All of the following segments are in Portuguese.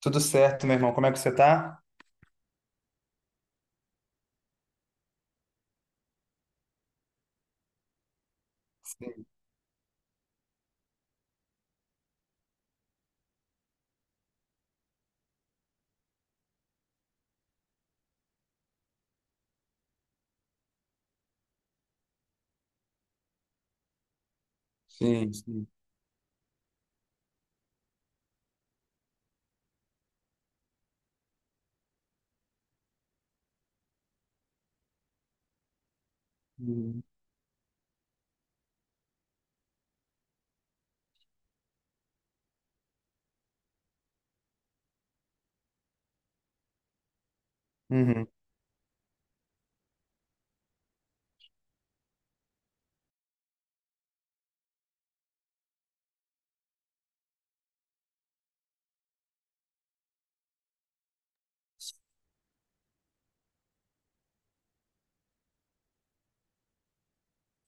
Tudo certo, meu irmão. Como é que você tá? Sim, sim, sim. Uhum. Uhum.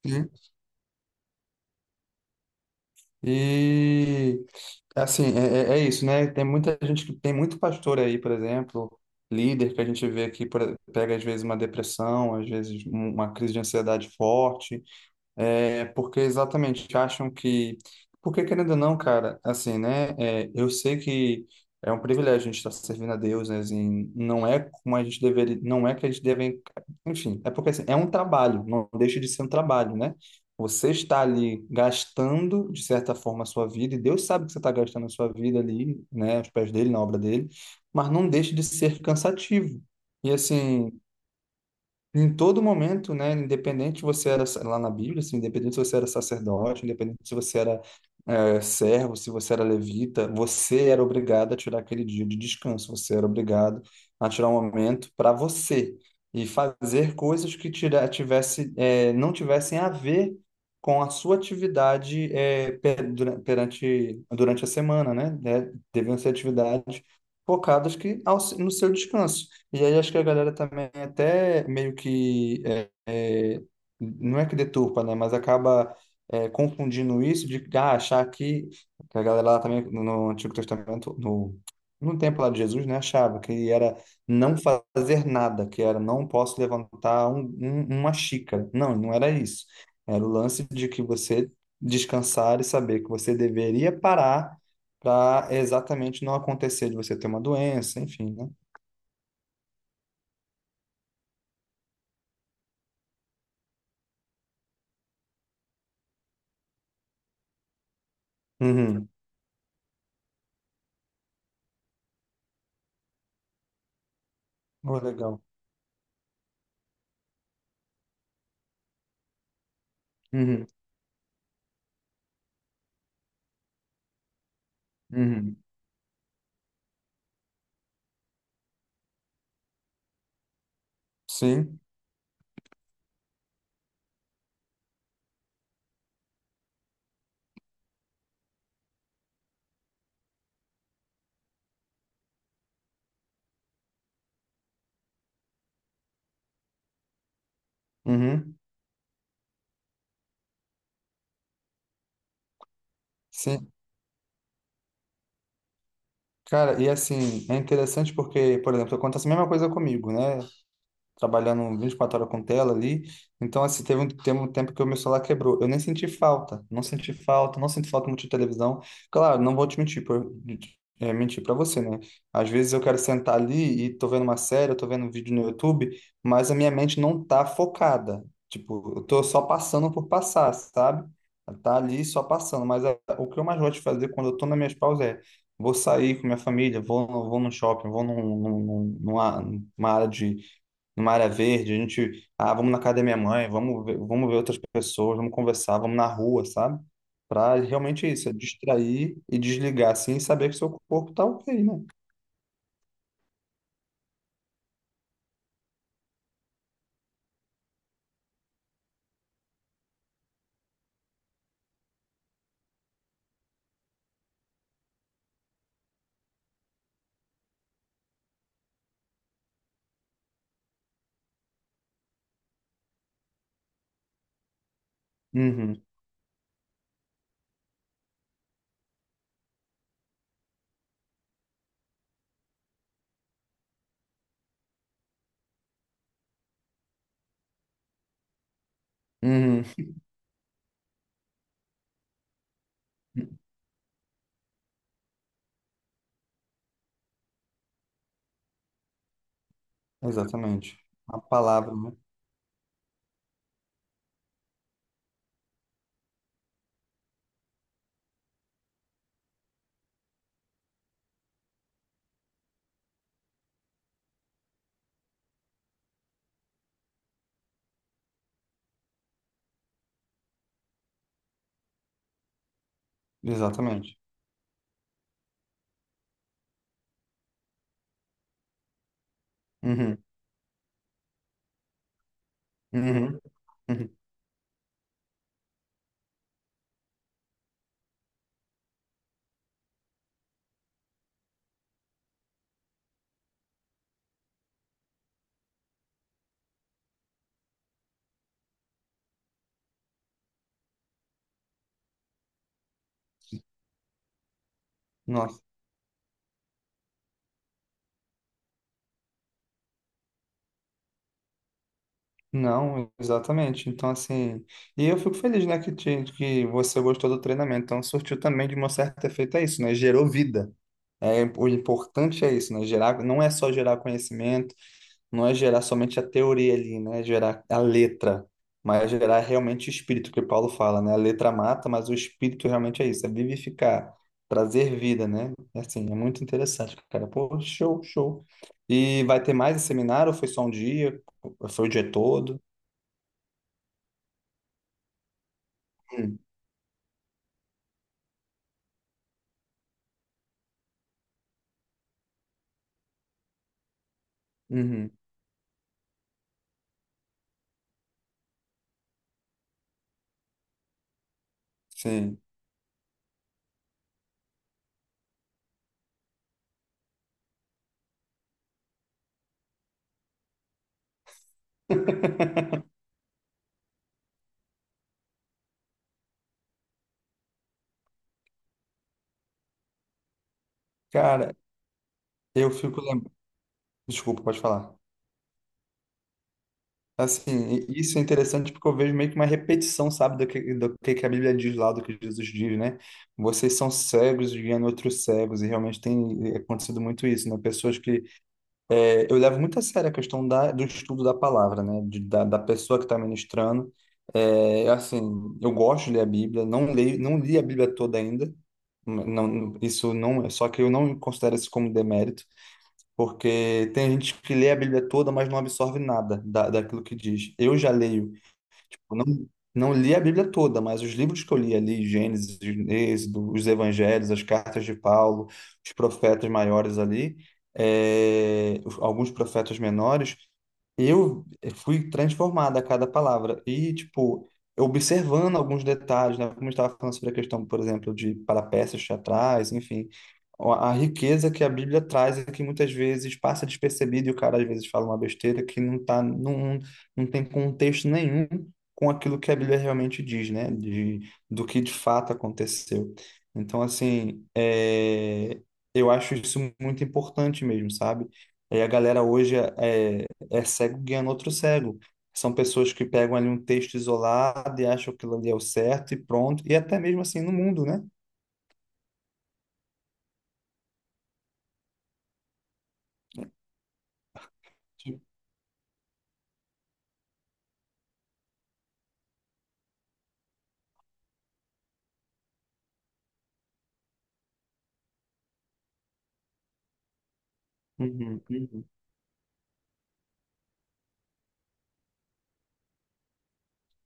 Sim. E assim, é isso, né? Tem muita gente que tem muito pastor aí, por exemplo, líder que a gente vê que pega às vezes uma depressão, às vezes uma crise de ansiedade forte. É porque exatamente acham que. Porque, querendo ou não, cara, assim, né? Eu sei que é um privilégio a gente estar servindo a Deus, né? Assim, não é como a gente deveria. Não é que a gente deve. Enfim, é porque assim, é um trabalho, não deixa de ser um trabalho, né? Você está ali gastando, de certa forma, a sua vida, e Deus sabe que você está gastando a sua vida ali, né? Aos pés dele, na obra dele, mas não deixa de ser cansativo. E assim. Em todo momento, né, independente se você era lá na Bíblia, assim, independente se você era sacerdote, independente se você era servo, se você era levita, você era obrigado a tirar aquele dia de descanso, você era obrigado a tirar um momento para você e fazer coisas que tira, tivesse, não tivessem a ver com a sua atividade perante, durante a semana, né? Deviam ser atividades focadas que, ao, no seu descanso. E aí acho que a galera também até meio que é, não é que deturpa, né? Mas acaba confundindo isso de ah, achar que a galera lá também no Antigo Testamento, no, no tempo lá de Jesus, né, achava que era não fazer nada, que era não posso levantar uma xícara. Não, não era isso. Era o lance de que você descansar e saber que você deveria parar para exatamente não acontecer de você ter uma doença, enfim, né? Uhum. Oh, legal. Uhum, uhum. Sim, uhum, sim. Cara, e assim, é interessante porque, por exemplo, acontece a mesma coisa comigo, né? Trabalhando 24 horas com tela ali. Então, assim, teve um tempo que o meu celular quebrou. Eu nem senti falta, não senti falta, não senti falta muito de televisão. Claro, não vou te mentir, mentir para você, né? Às vezes eu quero sentar ali e tô vendo uma série, eu tô vendo um vídeo no YouTube, mas a minha mente não tá focada. Tipo, eu tô só passando por passar, sabe? Tá ali só passando, mas o que eu mais gosto de fazer quando eu tô nas minhas pausas é vou sair com minha família, vou no shopping, vou num, num- numa, numa área de numa área verde, a gente, ah, vamos na casa da minha mãe, vamos ver outras pessoas, vamos conversar, vamos na rua, sabe? Pra realmente isso, é distrair e desligar assim e saber que seu corpo tá ok, né? Uhum, uhum, exatamente. A palavra, né? Exatamente. Uhum, uhum, uhum. Nossa, não, exatamente. Então, assim, e eu fico feliz, né, que você gostou do treinamento. Então, surtiu também de uma certa efeito, é isso, né? Gerou vida. É, o importante é isso, né? Gerar, não é só gerar conhecimento, não é gerar somente a teoria ali, né? É gerar a letra, mas é gerar realmente o espírito, que o Paulo fala, né? A letra mata, mas o espírito realmente é isso, é vivificar, trazer vida, né? É Assim, é muito interessante, cara. Pô, show, show. E vai ter mais esse seminário? Ou foi só um dia? Foi o dia todo? Hum, uhum, sim. Cara, eu fico lembrando. Desculpa, pode falar. Assim, isso é interessante porque eu vejo meio que uma repetição, sabe, do que a Bíblia diz lá, do que Jesus diz, né? Vocês são cegos guiando outros cegos, e realmente tem acontecido muito isso, né? Pessoas que... eu levo muito a sério a questão da, do estudo da palavra, né? Da pessoa que está ministrando. É, assim, eu gosto de ler a Bíblia, não leio, não li a Bíblia toda ainda, isso não, só que eu não considero isso como demérito. Porque tem gente que lê a Bíblia toda, mas não absorve nada da, daquilo que diz. Eu já leio. Eu não, não li a Bíblia toda, mas os livros que eu li ali, Gênesis, Êxodo, os Evangelhos, as cartas de Paulo, os profetas maiores ali, alguns profetas menores, fui transformado a cada palavra. E, tipo, observando alguns detalhes, né? Como eu estava falando sobre a questão, por exemplo, de parapeças teatrais, enfim. A riqueza que a Bíblia traz é que muitas vezes passa despercebido e o cara às vezes fala uma besteira que não tá, não, não tem contexto nenhum com aquilo que a Bíblia realmente diz, né? De, do que de fato aconteceu. Então, assim, é, eu acho isso muito importante mesmo, sabe? E a galera hoje, é cego guiando outro cego. São pessoas que pegam ali um texto isolado e acham que aquilo ali é o certo e pronto. E até mesmo assim no mundo, né? Tipo, uhum, uhum.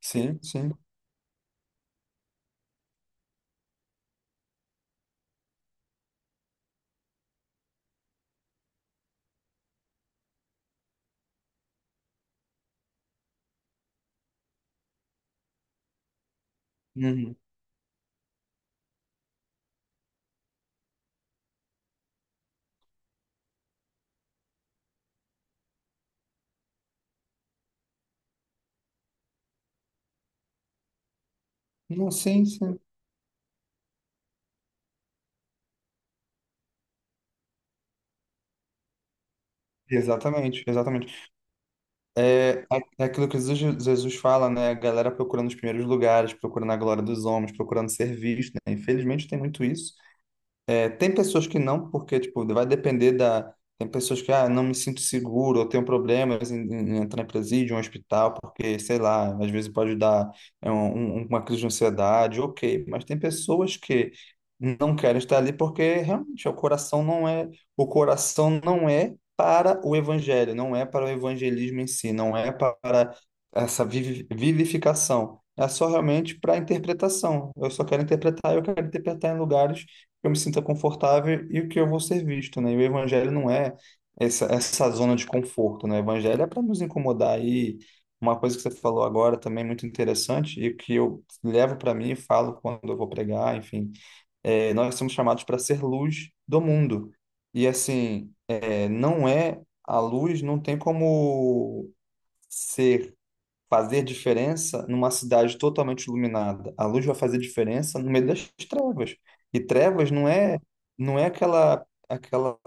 Sim, sim. Uhum. Não, sim, sim. Exatamente, exatamente. É aquilo que Jesus fala, né? A galera procurando os primeiros lugares, procurando a glória dos homens, procurando ser visto, né? Infelizmente tem muito isso. É, tem pessoas que não, porque, tipo, vai depender da... Tem pessoas que, ah, não me sinto seguro, eu tenho problemas em entrar em presídio, em um hospital, porque, sei lá, às vezes pode dar uma crise de ansiedade, ok. Mas tem pessoas que não querem estar ali porque, realmente, o coração não é... O coração não é para o evangelho, não é para o evangelismo em si, não é para essa vivificação. É só realmente para interpretação. Eu só quero interpretar, eu quero interpretar em lugares que eu me sinta confortável e o que eu vou ser visto, né? E o evangelho não é essa zona de conforto, né? O evangelho é para nos incomodar. E uma coisa que você falou agora também é muito interessante e que eu levo para mim e falo quando eu vou pregar, enfim, é, nós somos chamados para ser luz do mundo. E assim, é, não é a luz, não tem como ser fazer diferença numa cidade totalmente iluminada. A luz vai fazer diferença no meio das trevas. E trevas não é aquela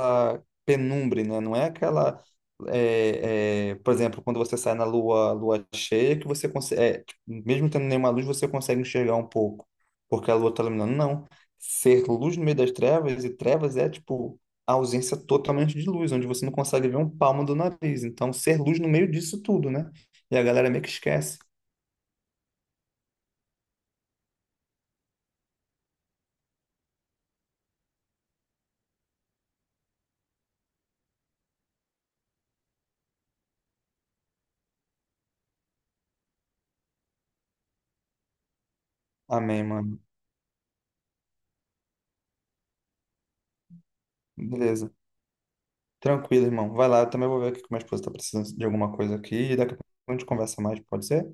penumbra, né? Não é aquela por exemplo, quando você sai na lua cheia que você consegue, é, tipo, mesmo tendo nenhuma luz, você consegue enxergar um pouco, porque a lua está iluminando. Não. Ser luz no meio das trevas e trevas é tipo a ausência totalmente de luz, onde você não consegue ver um palmo do nariz. Então, ser luz no meio disso tudo, né? E a galera meio que esquece. Amém, mano. Beleza. Tranquilo, irmão. Vai lá, eu também vou ver aqui que minha esposa tá precisando de alguma coisa aqui. E daqui a pouco a gente conversa mais, pode ser?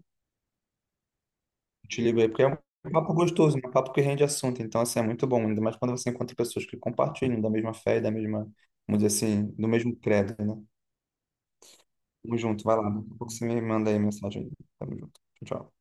Eu te ligo aí, porque é um papo gostoso, né? Um papo que rende assunto. Então, assim, é muito bom. Ainda mais quando você encontra pessoas que compartilham da mesma fé e da mesma, vamos dizer assim, do mesmo credo, né? Tamo junto, vai lá. Daqui a pouco você me manda aí mensagem. Tamo junto. Tchau, tchau.